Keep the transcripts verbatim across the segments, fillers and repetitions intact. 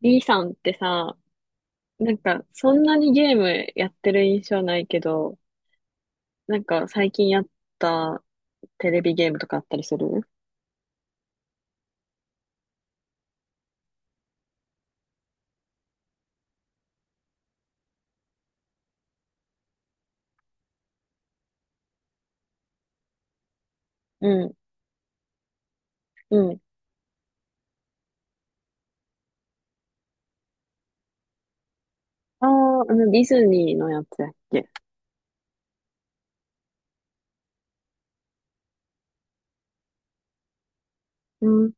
B さんってさ、なんかそんなにゲームやってる印象ないけど、なんか最近やったテレビゲームとかあったりする？うん、うん。ああ、あのディズニーのやつやっけ。うん。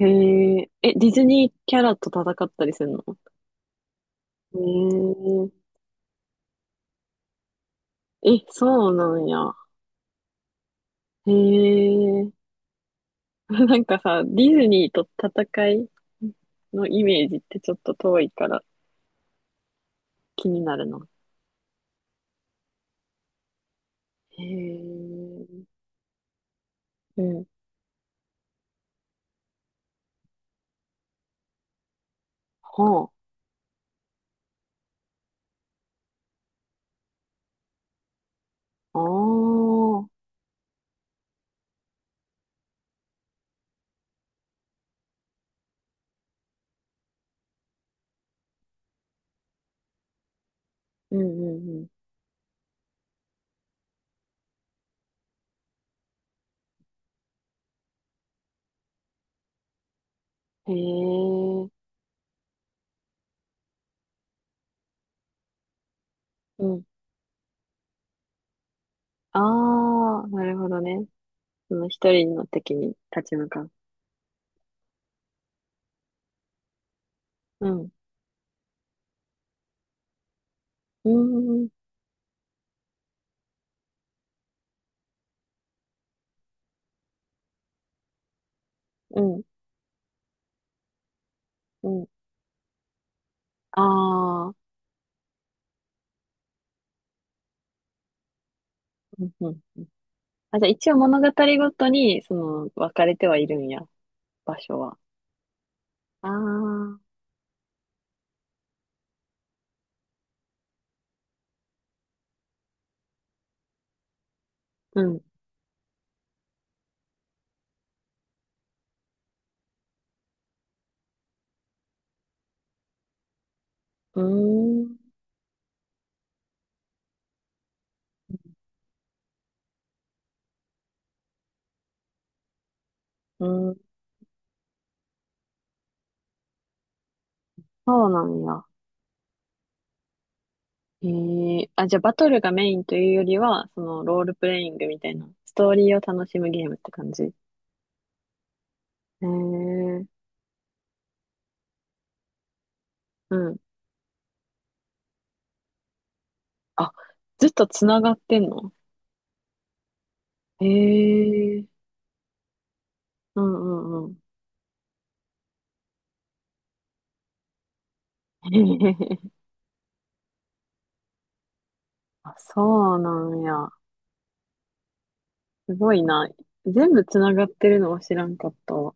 へえ、え、ディズニーキャラと戦ったりするの？へえ、え、そうなんや。へえ、なんかさ、ディズニーと戦いのイメージってちょっと遠いから気になるの。へえ、うん。はあ。ああ、うんうんうん。へえ、うん。ああ、なるほどね。その一人の敵に立ち向かう。うん。うん、うん、うん。ああ、うん、うん。あ、じゃあ一応物語ごとに、その、分かれてはいるんや、場所は。ああ、うん。うん、うん。そうなんや。へえ、あ、じゃあバトルがメインというよりは、その、ロールプレイングみたいな、ストーリーを楽しむゲームって感じ。へえ、うん。あ、ずっとつながってんの？へえ、うんうんうん。あ、そうなんや。すごいな。全部つながってるのは知らんかったわ。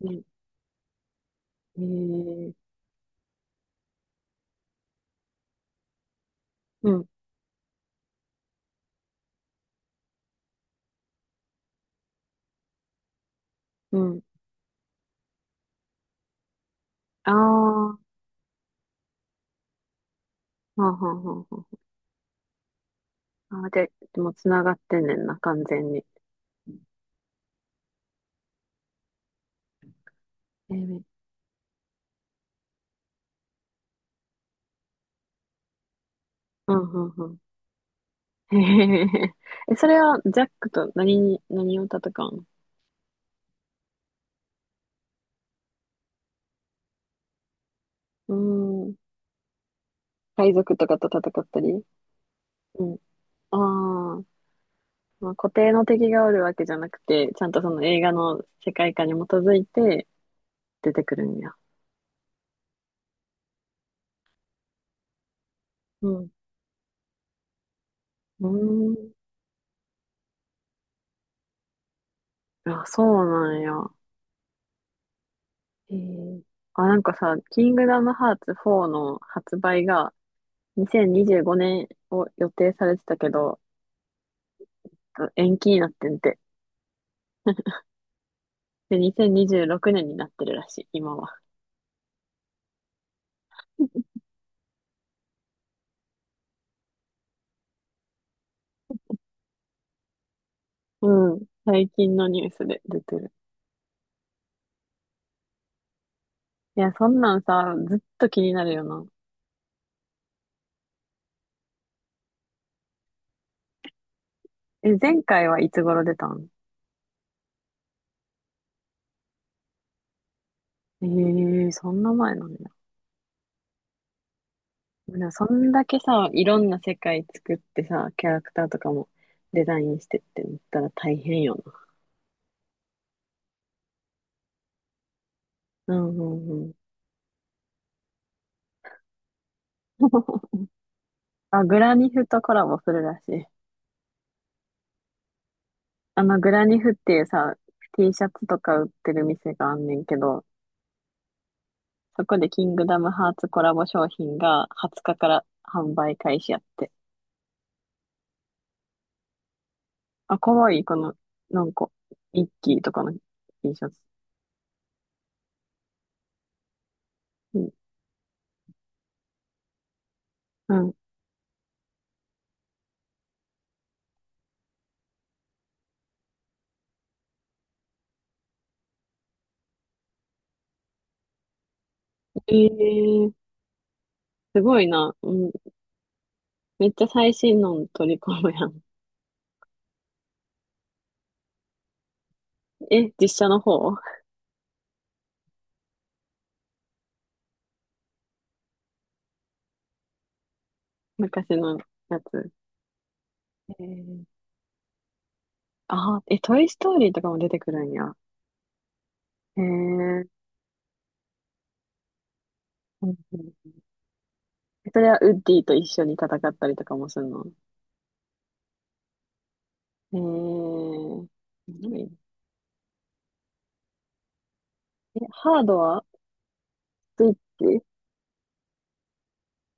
ね、えー、うん、うん。ああ、はあ、はあ、はあ、はあ。あ、で、でもつながってんねんな、完全に。えー、うん、うん、うん。へへへえ、それは、ジャックと何に、何を戦う？のうーん。海賊とかと戦ったり。うん。ああ。まあ、固定の敵がおるわけじゃなくて、ちゃんとその映画の世界観に基づいて出てくるんや。うん。うーん。あ、そうなんや。へえ。あ、なんかさ、キングダムハーツフォーの発売がにせんにじゅうごねんを予定されてたけど、延期になってんて。で、にせんにじゅうろくねんにじゅうろくねんになってるらしい、今は。うん。最近のニュースで出てる。いや、そんなんさ、ずっと気になるよな。え、前回はいつ頃出たん？ええー、そんな前なの？でもそんだけさ、いろんな世界作ってさ、キャラクターとかもデザインしてってなったら大変よな。うんうんうん。あ、グラニフとコラボするらしい。あの、グラニフっていうさ、T シャツとか売ってる店があんねんけど、そこでキングダムハーツコラボ商品がはつかかから販売開始やって。あ、かわいい、この、なんか、ミッキーとかの T シャツ。うん。うん。えー、すごいな。うん。めっちゃ最新の取り込むやん。え、実写の方？ 昔のやつ。えー、あー、え、トイ・ストーリーとかも出てくるんや。へえ。うんうん。それはウッディと一緒に戦ったりとかもするの？へえー。何？え、ハードはスイッチ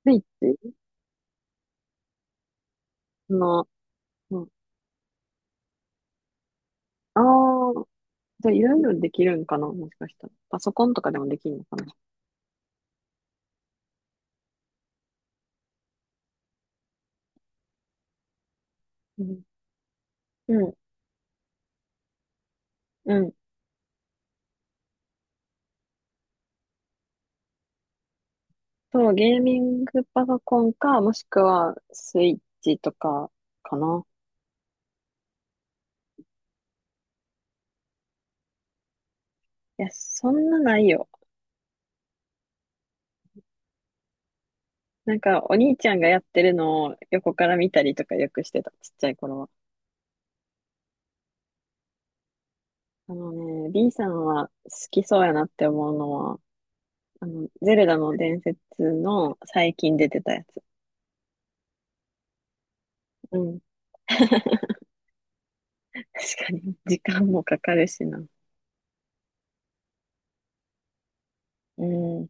スイッチの、うん、ああ、じゃあいろいろできるんかな、もしかしたら。パソコンとかでもできるのかな？うん。うん。うん。そう、ゲーミングパソコンか、もしくはスイッチとかかな。いや、そんなないよ。なんか、お兄ちゃんがやってるのを横から見たりとかよくしてた、ちっちゃい頃は。あのね、B さんは好きそうやなって思うのは、あの、ゼルダの伝説の最近出てたやつ。うん。確かに、時間もかかるしな。うん。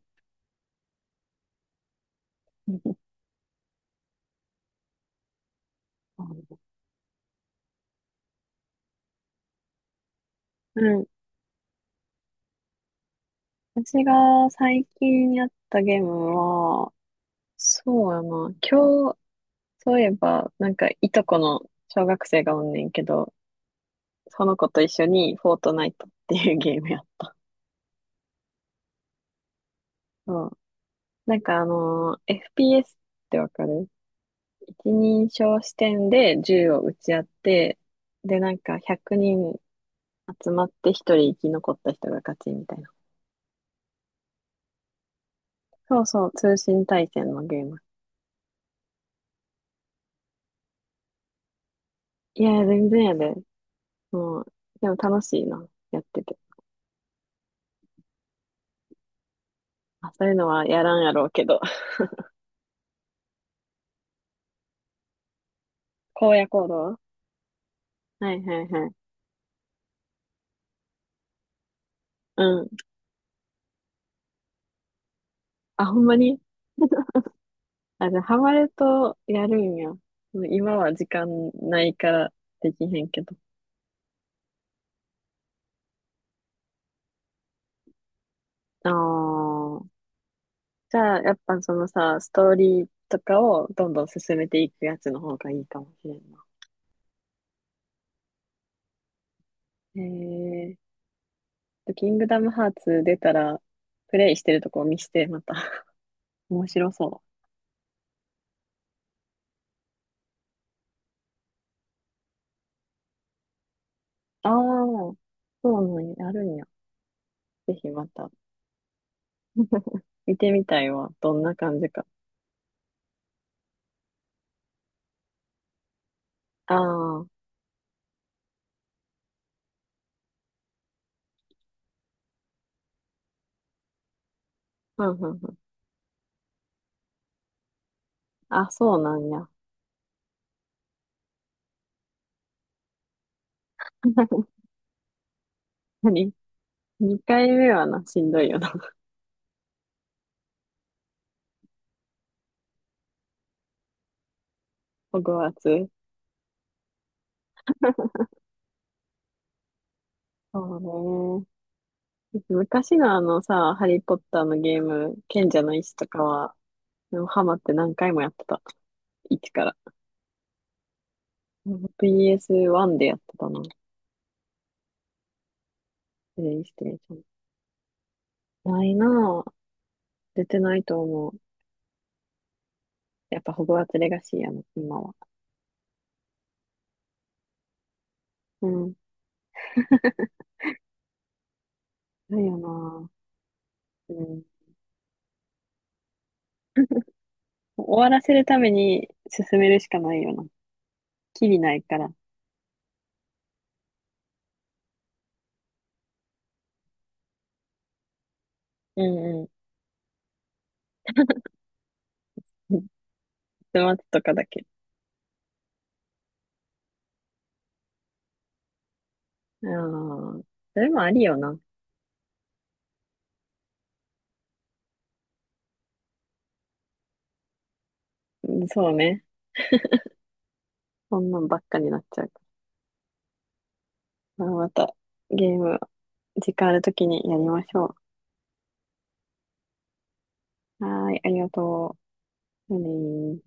うん。私が最近やったゲームは、そうやな。今日、そういえば、なんか、いとこの小学生がおんねんけど、その子と一緒にフォートナイトっていうゲームやっ。そう。なんかあのー エフピーエス ってわかる？一人称視点で銃を撃ち合って、で、なんかひゃくにん集まって一人生き残った人が勝ちみたいな。そうそう、通信対戦のゲーム。いや、全然やで。もう、でも楽しいな、やってて。まあ、そういうのはやらんやろうけど。荒野行動。はいはいはい。うん。あ、ほんまに？あ、じゃあハマるとやるんや。もう今は時間ないからできへんけど。ああ。じゃあ、やっぱそのさ、ストーリーとかをどんどん進めていくやつの方がいいかもしれんな。へえー。キングダムハーツ出たら、プレイしてるとこを見して、また。面白そう。ああ、そうなんや、あるんや。ぜひまた、見てみたいわ。どんな感じか。ああ、うんうんうん。あ、そうなんや。何？にかいめはな、しんどいよな。ホグワーツ。そうね。昔のあのさ、ハリーポッターのゲーム、賢者の石とかは、でもハマって何回もやってた。一から。ピーエスワン でやってたな。プレイステーション。ないなぁ。出てないと思う。やっぱホグワーツレガシーやな、今は。うん。ないよなぁ。うん。終わらせるために進めるしかないよな。きりないから。うんうん。待つとかだけ。ああ。それもありよな。うん。そうね。そんなんばっかになっちゃうから。まあまた、ゲーム、時間あるときにやりましょう。はーい、ありがとう。じゃあねー。